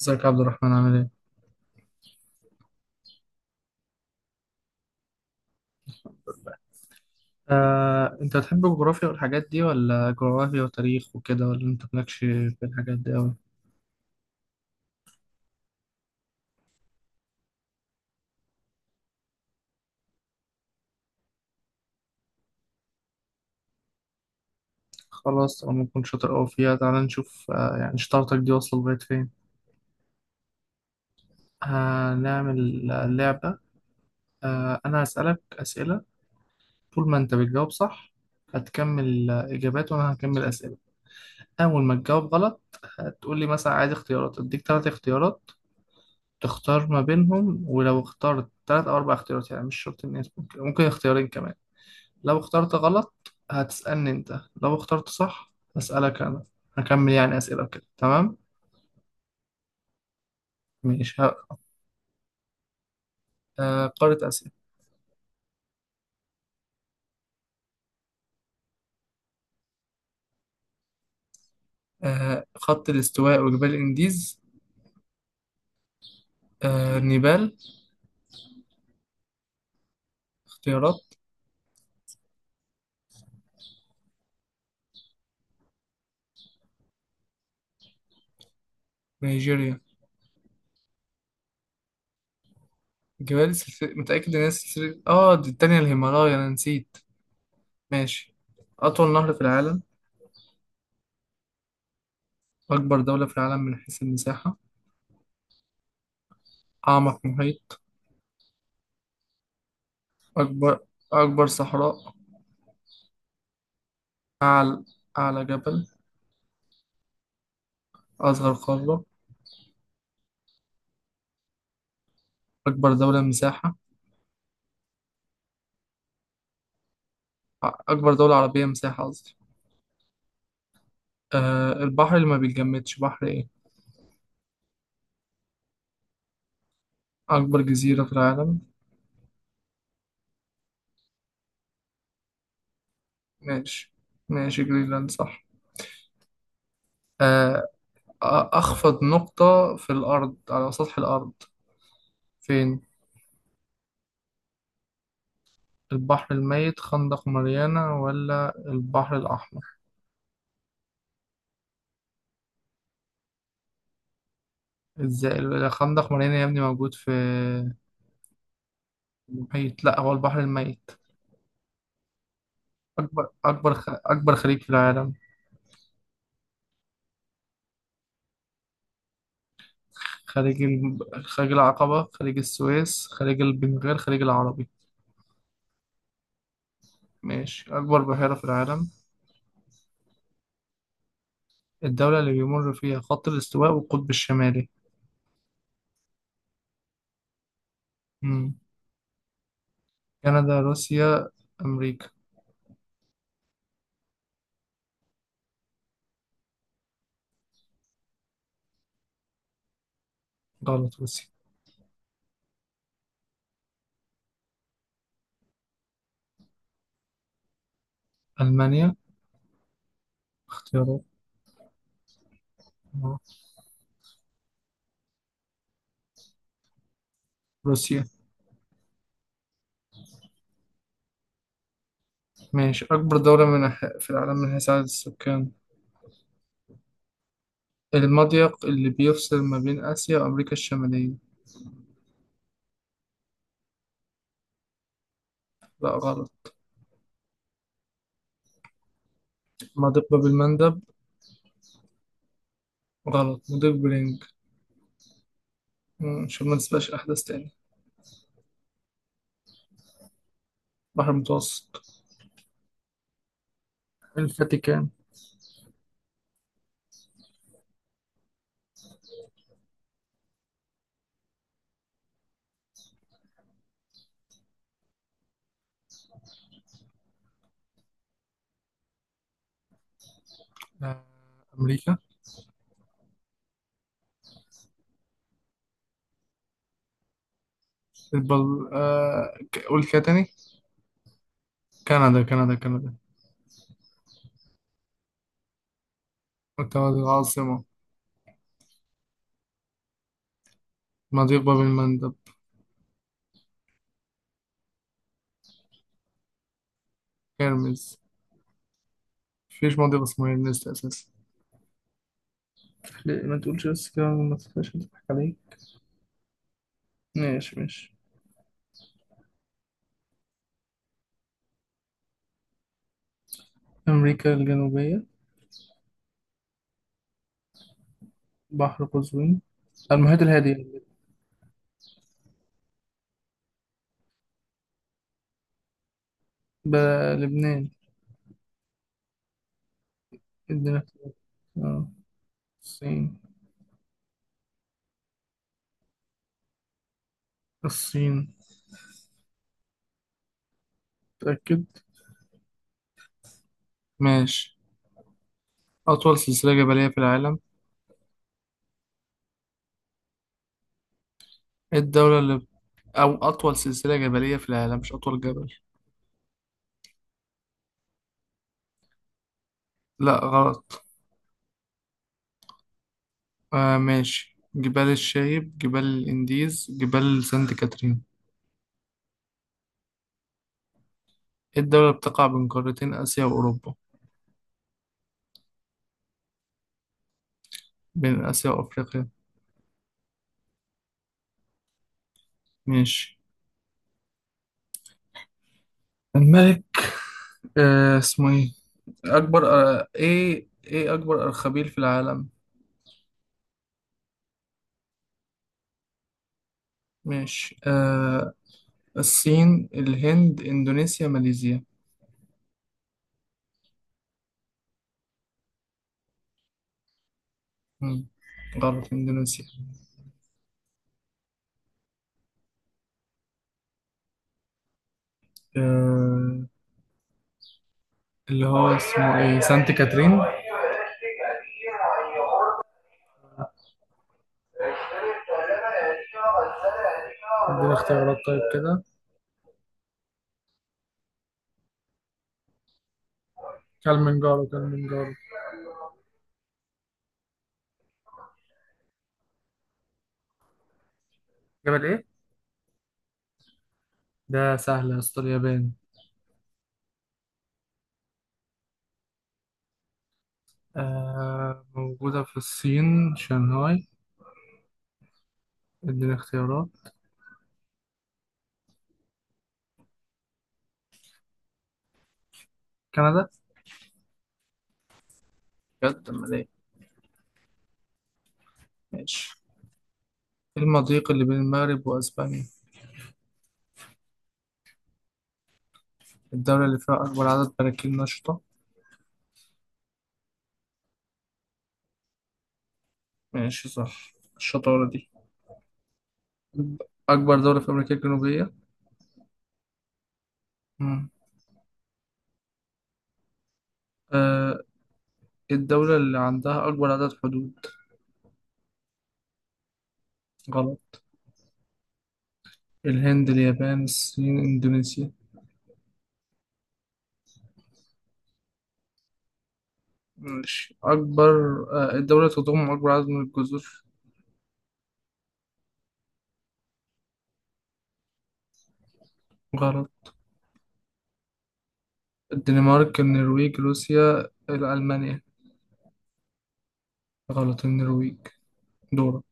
ازيك يا عبد الرحمن عامل ايه؟ انت بتحب الجغرافيا والحاجات دي ولا جغرافيا وتاريخ وكده، ولا انت مالكش في الحاجات دي اوي؟ خلاص، طالما كنت شاطر اوي فيها تعالى نشوف يعني شطارتك دي واصلة لغاية فين؟ هنعمل لعبة. انا هسألك اسئلة. طول ما انت بتجاوب صح هتكمل اجابات وانا هكمل اسئلة. اول ما تجاوب غلط هتقول لي مثلا عايز اختيارات، اديك ثلاث اختيارات تختار ما بينهم، ولو اخترت ثلاث او اربع اختيارات يعني مش شرط ان ممكن اختيارين كمان. لو اخترت غلط هتسألني انت، لو اخترت صح هسألك انا. هكمل يعني أسئلة كده، تمام؟ ماشي قارة آسيا. خط الاستواء وجبال الانديز. نيبال. اختيارات. نيجيريا. جبال، سلسلة، متأكد ان هي سلسلة دي التانية الهيمالايا، انا نسيت. ماشي. أطول نهر في العالم؟ أكبر دولة في العالم من حيث المساحة؟ أعمق محيط؟ أكبر أكبر صحراء؟ أعلى أعلى جبل؟ أصغر قارة؟ أكبر دولة مساحة؟ أكبر دولة عربية مساحة قصدي. البحر اللي ما بيتجمدش، بحر إيه؟ أكبر جزيرة في العالم؟ ماشي، ماشي جرينلاند صح. أه أ- أخفض نقطة في الأرض، على سطح الأرض، فين؟ البحر الميت، خندق ماريانا، ولا البحر الأحمر؟ إزاي الخندق ماريانا يا ابني موجود في المحيط؟ لا، هو البحر الميت. أكبر خليج في العالم؟ خليج ال... خليج العقبة، خليج السويس، خليج البنغال، خليج العربي؟ ماشي. أكبر بحيرة في العالم؟ الدولة اللي بيمر فيها خط الاستواء والقطب الشمالي؟ مم. كندا، روسيا، أمريكا. غلط، روسيا. ألمانيا. اختيارات. آه، روسيا. ماشي. أكبر دولة من في العالم من حيث عدد السكان؟ المضيق اللي بيفصل ما بين آسيا وأمريكا الشمالية؟ لا غلط. مضيق باب المندب. غلط، مضيق برينج. عشان ما نسبقش أحداث تاني. بحر المتوسط. الفاتيكان. آه، أمريكا. قول كده تاني. كندا، كندا، كندا. مكتبة العاصمة. مضيق باب المندب. هرمز. مفيش مضيق اسمه هرمز أساسا. ليه ما تقولش بس كده، ما تخافش هتضحك عليك. ماشي، ماشي. أمريكا الجنوبية. بحر قزوين، المحيط الهادي. لبنان. ادينا اختيار. اه. الصين. الصين. متأكد؟ ماشي. أطول سلسلة جبلية في العالم؟ إيه الدولة اللي... أو أطول سلسلة جبلية في العالم، مش أطول جبل. لا غلط. ماشي، جبال الشايب، جبال الانديز، جبال سانت كاترين. إيه الدولة بتقع بين قارتين آسيا وأوروبا؟ بين آسيا وأفريقيا؟ ماشي. الملك اسمه ايه؟ أكبر ايه أكبر أرخبيل في العالم؟ ماشي. الصين، الهند، إندونيسيا، ماليزيا. مم. غلط، إندونيسيا. آه اللي هو اسمه ايه، سانت كاترين. ادينا اختيارات طيب كده. كلمنجارو، كلمنجارو. جبل ايه؟ ده سهل يا اسطى، اليابان. موجودة في الصين، شنغهاي. اديني اختيارات. كندا. بجد، امال ايه؟ ماشي. إيه المضيق اللي بين المغرب وأسبانيا؟ الدولة اللي فيها أكبر عدد براكين نشطة؟ ماشي، صح الشطارة دي. أكبر دولة في أمريكا الجنوبية؟ مم. آه الدولة اللي عندها أكبر عدد حدود؟ غلط. الهند، اليابان، الصين، إندونيسيا. ماشي. أكبر الدولة تضم أكبر عدد من الجزر؟ غلط. الدنمارك، النرويج، روسيا، ألمانيا. غلط، النرويج. دورة.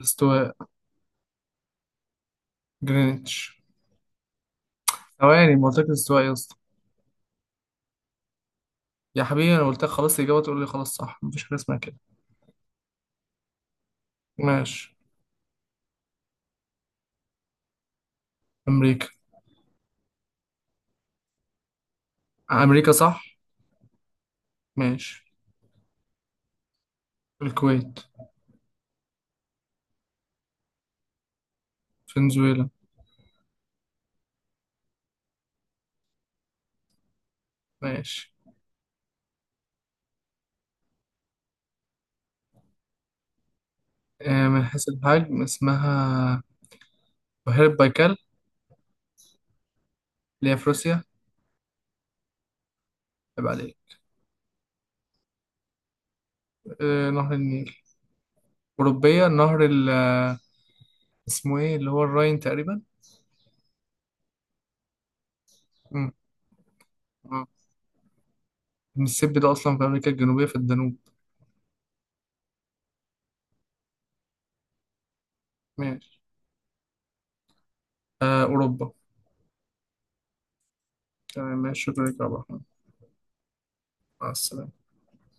الاستواء. جرينتش. ثواني، ما قلتلك الاستواء يا اسطى؟ يا حبيبي انا قلت لك خلاص الإجابة، تقول لي خلاص صح، مفيش حاجة اسمها كده. ماشي. أمريكا. أمريكا صح. ماشي. الكويت. فنزويلا. ماشي. من حيث الحجم اسمها بحيرة بايكال، اللي هي في روسيا. عيب عليك. نهر النيل. أوروبية. نهر ال آه، اسمه ايه اللي هو الراين تقريبا. مم. المسيسيبي ده أصلا في أمريكا الجنوبية، في الجنوب. ماشي. أوروبا. تمام، ماشي، شكرا لك يا عبد الرحمن. مع السلامة.